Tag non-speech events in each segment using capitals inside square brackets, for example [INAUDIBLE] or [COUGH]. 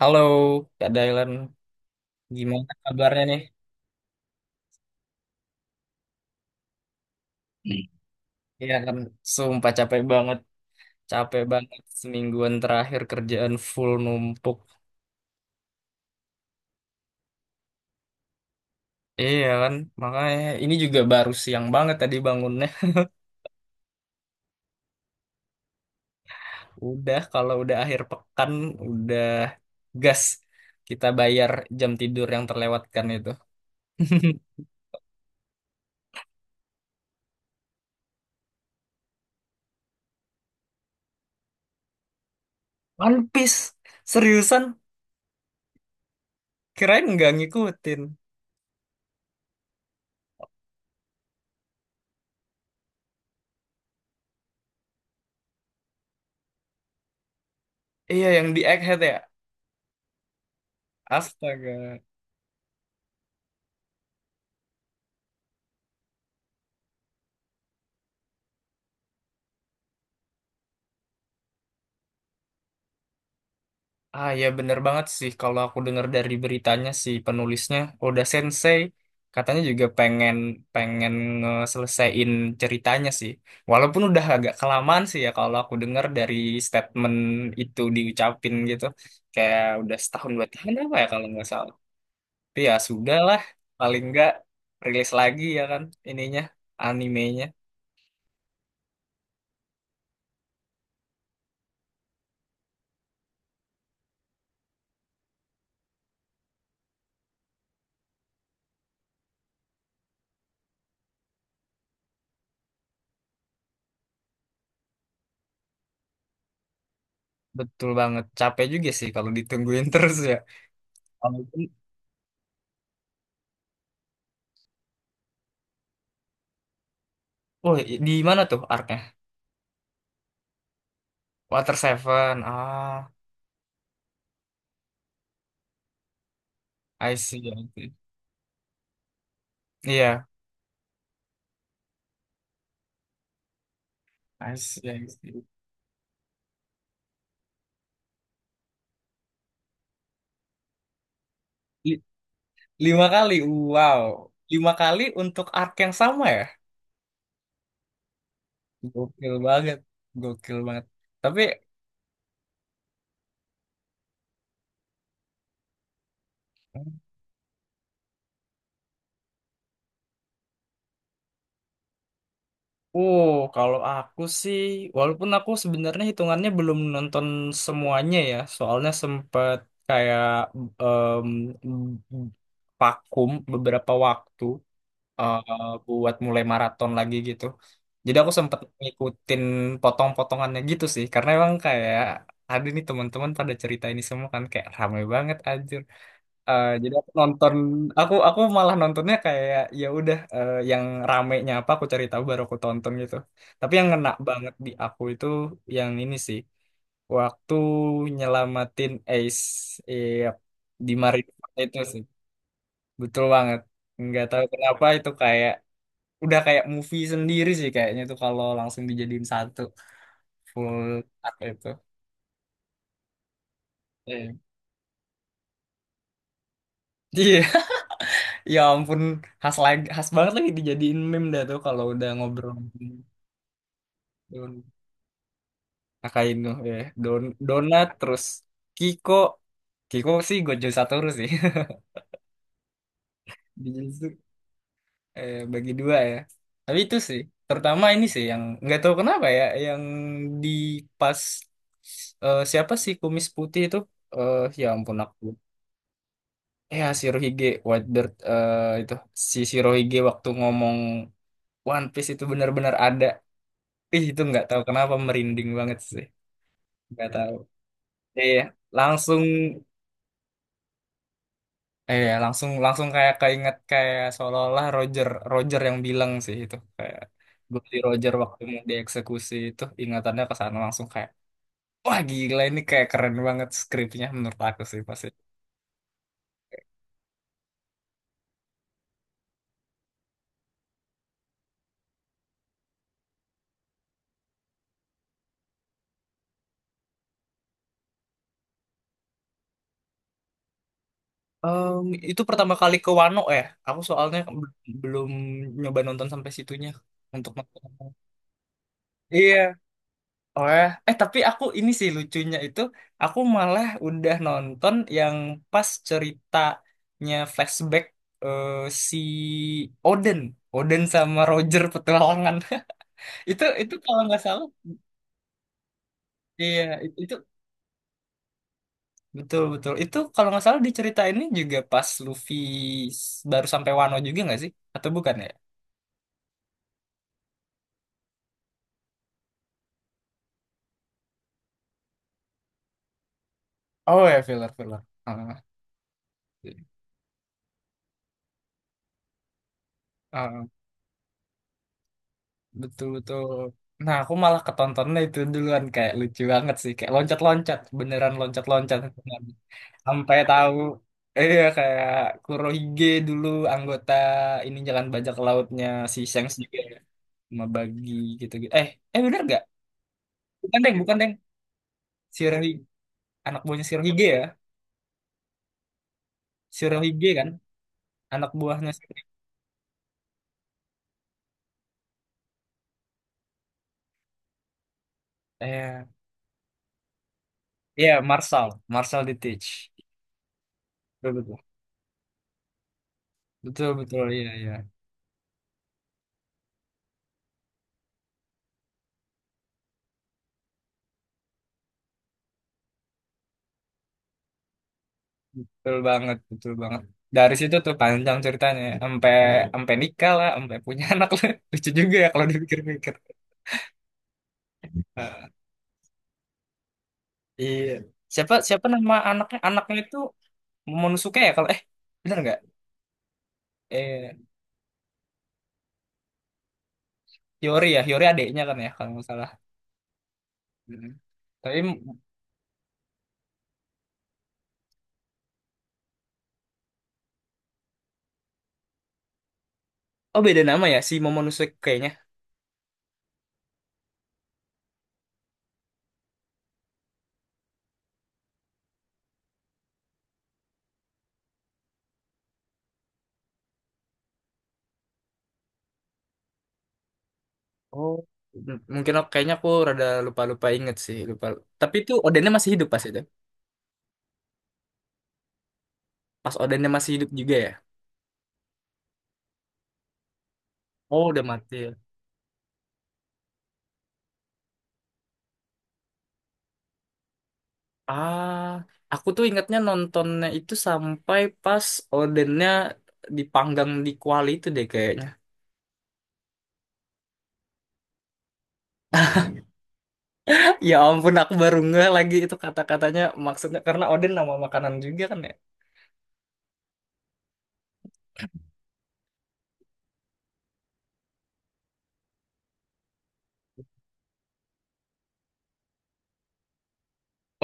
Halo, Kak Dailan. Gimana kabarnya nih? Hmm. Iya kan, sumpah capek banget. Capek banget semingguan terakhir kerjaan full numpuk. Iya kan, makanya ini juga baru siang banget tadi bangunnya. Udah, kalau udah akhir pekan, udah gas. Kita bayar jam tidur yang terlewatkan itu. [LAUGHS] One Piece, seriusan? Kirain nggak ngikutin. Iya, yang di Egghead ya? Astaga. Ah ya bener banget sih kalau aku dengar dari beritanya si penulisnya Oda Sensei katanya juga pengen pengen ngeselesaiin ceritanya sih. Walaupun udah agak kelamaan sih ya kalau aku dengar dari statement itu diucapin gitu. Kayak udah setahun 2 tahun apa ya kalau nggak salah. Tapi ya sudah lah paling nggak rilis lagi ya kan ininya animenya. Betul banget, capek juga sih kalau ditungguin [LAUGHS] terus ya. Walaupun, oh, di mana tuh arc Water Seven. Ah, I see. I see. Iya, I see. I see. Li- 5 kali. Wow. 5 kali untuk arc yang sama ya? Gokil banget. Gokil banget. Tapi, uh, kalau aku sih, walaupun aku sebenarnya hitungannya belum nonton semuanya ya, soalnya sempet kayak em, vakum beberapa waktu. Buat mulai maraton lagi gitu. Jadi aku sempet ngikutin potong-potongannya gitu sih, karena emang kayak ada nih teman-teman pada cerita ini semua kan kayak ramai banget anjir. Jadi aku nonton, aku malah nontonnya kayak ya udah, yang ramenya apa aku cari tahu baru aku tonton gitu. Tapi yang ngena banget di aku itu yang ini sih waktu nyelamatin Ace, eh, di Marineford itu sih betul banget. Nggak tahu kenapa itu kayak udah kayak movie sendiri sih kayaknya tuh kalau langsung dijadiin satu full art itu. Iya. Iya, [LAUGHS] ya ampun, khas lagi, khas banget lagi dijadiin meme dah tuh kalau udah ngobrol. Don Akainu ya. Don Donat terus. Kiko Kiko sih Gojo Satoru sih. [LAUGHS] Bijutsu, bagi dua ya. Tapi itu sih terutama ini sih yang nggak tahu kenapa ya, yang di pas, siapa sih kumis putih itu, ya ampun aku. Ya, Shirohige, White Bird, itu si Shirohige waktu ngomong One Piece itu benar-benar ada. Ih, itu nggak tahu kenapa merinding banget sih. Nggak tahu. Iya, langsung, langsung langsung kayak keinget, kayak seolah-olah Roger Roger yang bilang sih itu, kayak gue di Roger waktu mau dieksekusi itu ingatannya ke sana langsung kayak wah gila, ini kayak keren banget skripnya menurut aku sih pasti. Em, itu pertama kali ke Wano ya. Aku soalnya belum nyoba nonton sampai situnya untuk nonton. Iya. Oh ya. Tapi aku ini sih lucunya itu aku malah udah nonton yang pas ceritanya flashback, eh, si Oden, Oden sama Roger petualangan. [LAUGHS] Itu kalau nggak salah, iya itu betul betul. Itu kalau nggak salah di cerita ini juga pas Luffy baru sampai Wano juga nggak sih? Atau bukan ya? Oh ya, filler filler. Ah, iya. Ah, betul betul. Nah, aku malah ketontonnya itu duluan kayak lucu banget sih, kayak loncat loncat beneran loncat loncat sampai tahu iya, kayak Kurohige dulu anggota ini jalan bajak lautnya si Shanks juga ya, sama Bagi gitu gitu. Bener gak? Bukan deng, bukan deng. Shirohige anak buahnya Shirohige ya. Shirohige kan anak buahnya Shirohige. Eh, Iya, iya, Marshall, Marshall di Teach. Betul betul. Betul betul, iya iya. Betul banget, betul banget. Dari situ tuh panjang ceritanya, sampai, nikah lah, sampai punya anak lah. [LAUGHS] Lucu juga ya kalau dipikir-pikir. Ah, iya. Siapa siapa nama anaknya? Anaknya itu Momonosuke ya, kalau bener nggak? Eh Yori ya, Yori adiknya kan ya kalau nggak salah. Hmm. Tapi, oh, beda nama ya si Momonosuke kayaknya. Oh. Mungkin kayaknya aku rada lupa-lupa inget sih, lupa. Tapi itu Odennya masih hidup pas itu. Pas Odennya masih hidup juga ya. Oh, udah mati. Ah, aku tuh ingatnya nontonnya itu sampai pas odennya dipanggang di kuali itu deh kayaknya. [LAUGHS] Ya ampun, aku baru ngeh lagi itu kata-katanya, maksudnya karena oden nama makanan juga kan ya.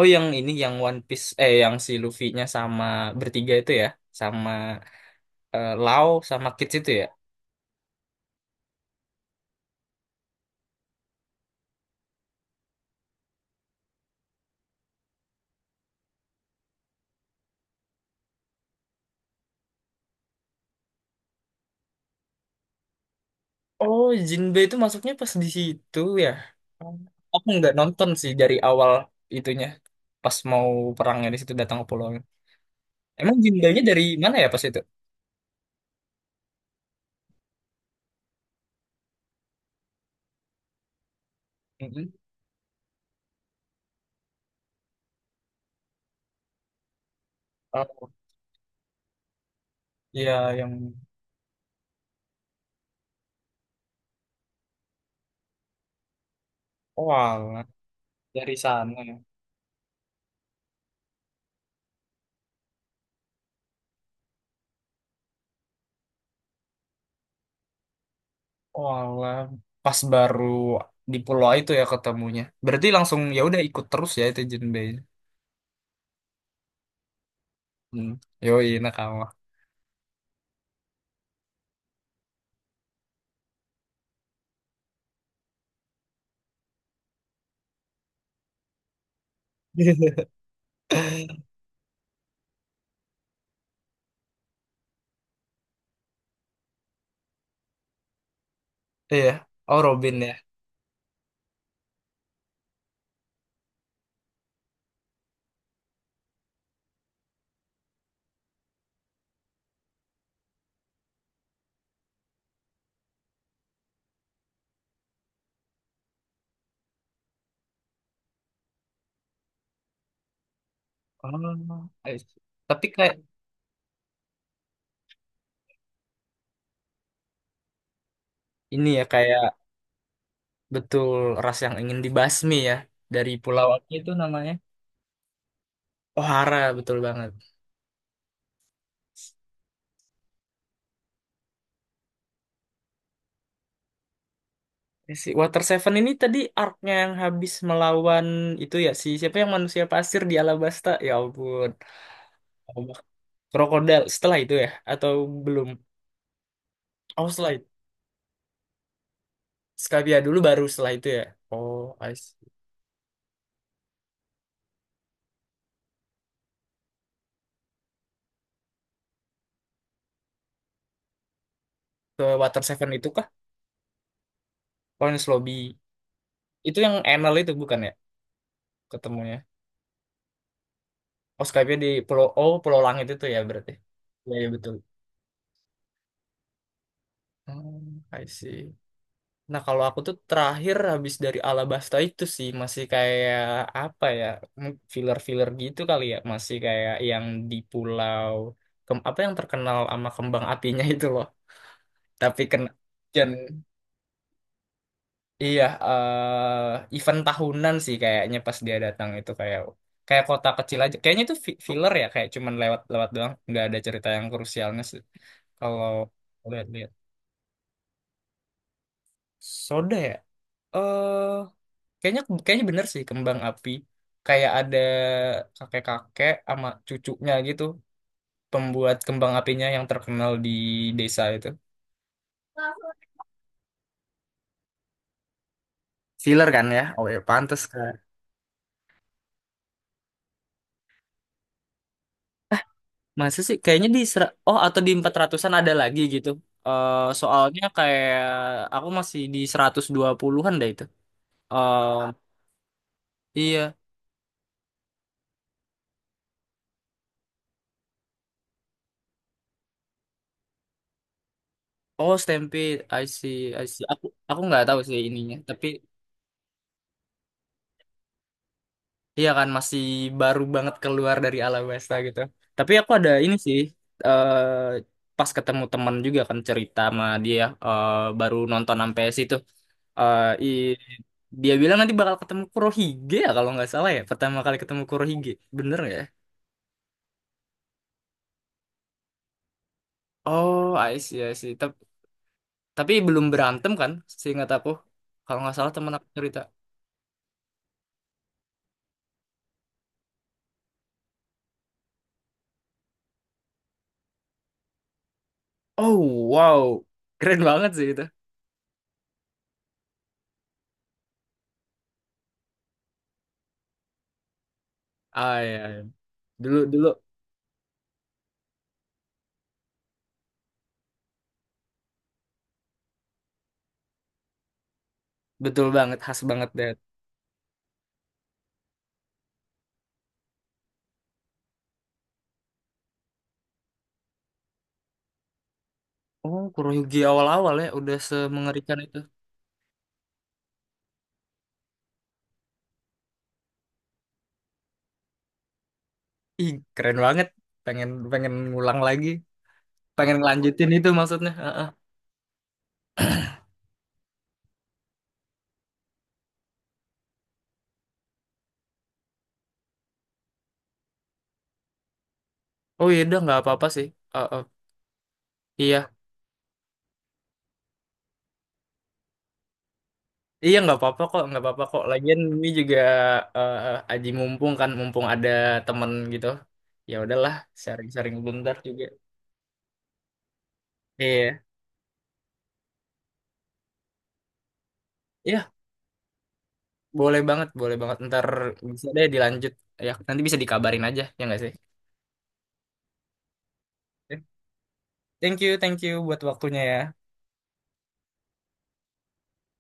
Oh, yang ini yang One Piece, yang si Luffy-nya sama bertiga itu ya, sama Lau sama Kids itu ya. Oh, Jinbe itu masuknya pas di situ ya. Oh. Aku nggak nonton sih dari awal itunya pas mau perangnya di situ datang ke pulau. Emang Jinbei-nya dari mana ya pas itu? Mm-mm. Oh, iya, yang walah dari sana ya. Walah, pas baru di pulau itu ya ketemunya. Berarti langsung ya udah ikut terus ya itu Jinbei. Hmm. Yoi nakama. [LAUGHS] Iya, oh Robin ya. Oh, I see. Tapi kayak ini ya, kayak betul, ras yang ingin dibasmi ya dari pulau apa itu namanya? Ohara betul banget. Ya, si Water Seven ini tadi arc-nya yang habis melawan itu ya si siapa yang manusia pasir di Alabasta. Ya ampun. Allah. Krokodil setelah itu ya atau belum? Oh, setelah itu. Skavia dulu baru setelah itu ya. Oh, I see. Ke Water Seven itu kah? Orange Lobby. Itu yang Enel itu bukan ya ketemunya. Oh, Skavia di Pulau, oh, Pulau Langit itu ya berarti. Iya, iya betul. Hmm, I see. Nah, kalau aku tuh terakhir habis dari Alabasta itu sih masih kayak apa ya, filler-filler gitu kali ya, masih kayak yang di pulau apa yang terkenal sama kembang apinya [LAUGHS] itu loh. Tapi kena dan iya, event tahunan sih kayaknya pas dia datang itu, kayak kayak kota kecil aja. Kayaknya itu filler ya, kayak cuman lewat-lewat doang, nggak ada cerita yang krusialnya sih. Kalau lihat-lihat. Soda ya? Eh kayaknya kayaknya bener sih, kembang api, kayak ada kakek-kakek sama cucunya gitu, pembuat kembang apinya yang terkenal di desa itu. Filler kan ya? Oh ya, pantes kan. Masa sih kayaknya di oh, atau di 400-an ada lagi gitu. Soalnya kayak aku masih di 120-an deh itu. Eh, iya, oh Stampede. I see. I see, aku nggak tahu sih ininya, tapi. Iya kan masih baru banget keluar dari Alabasta gitu. Tapi aku ada ini sih, eh pas ketemu teman juga kan cerita sama dia, baru nonton sampai situ. Eh, i- Dia bilang nanti bakal ketemu Kurohige ya kalau nggak salah ya. Pertama kali ketemu Kurohige. Bener nggak ya? Oh, I see, I see. Tapi, belum berantem kan seingat aku. Kalau nggak salah teman aku cerita. Oh, wow. Keren banget sih itu. Ah, iya, iya. Dulu dulu, betul banget, khas banget deh. Oh, Kuroyugi awal-awal ya udah semengerikan itu. Ih, keren banget. Pengen pengen ngulang lagi, pengen lanjutin itu maksudnya. Heeh. Oh iya, udah nggak apa-apa sih. Heeh. Iya, iya nggak apa-apa kok, nggak apa-apa kok. Lagian ini juga, eh, aji mumpung kan, mumpung ada temen gitu. Ya udahlah, sharing-sharing bentar juga. Iya, iya, boleh banget, boleh banget. Ntar bisa deh dilanjut. Ya, nanti bisa dikabarin aja, ya nggak sih? Thank you buat waktunya ya.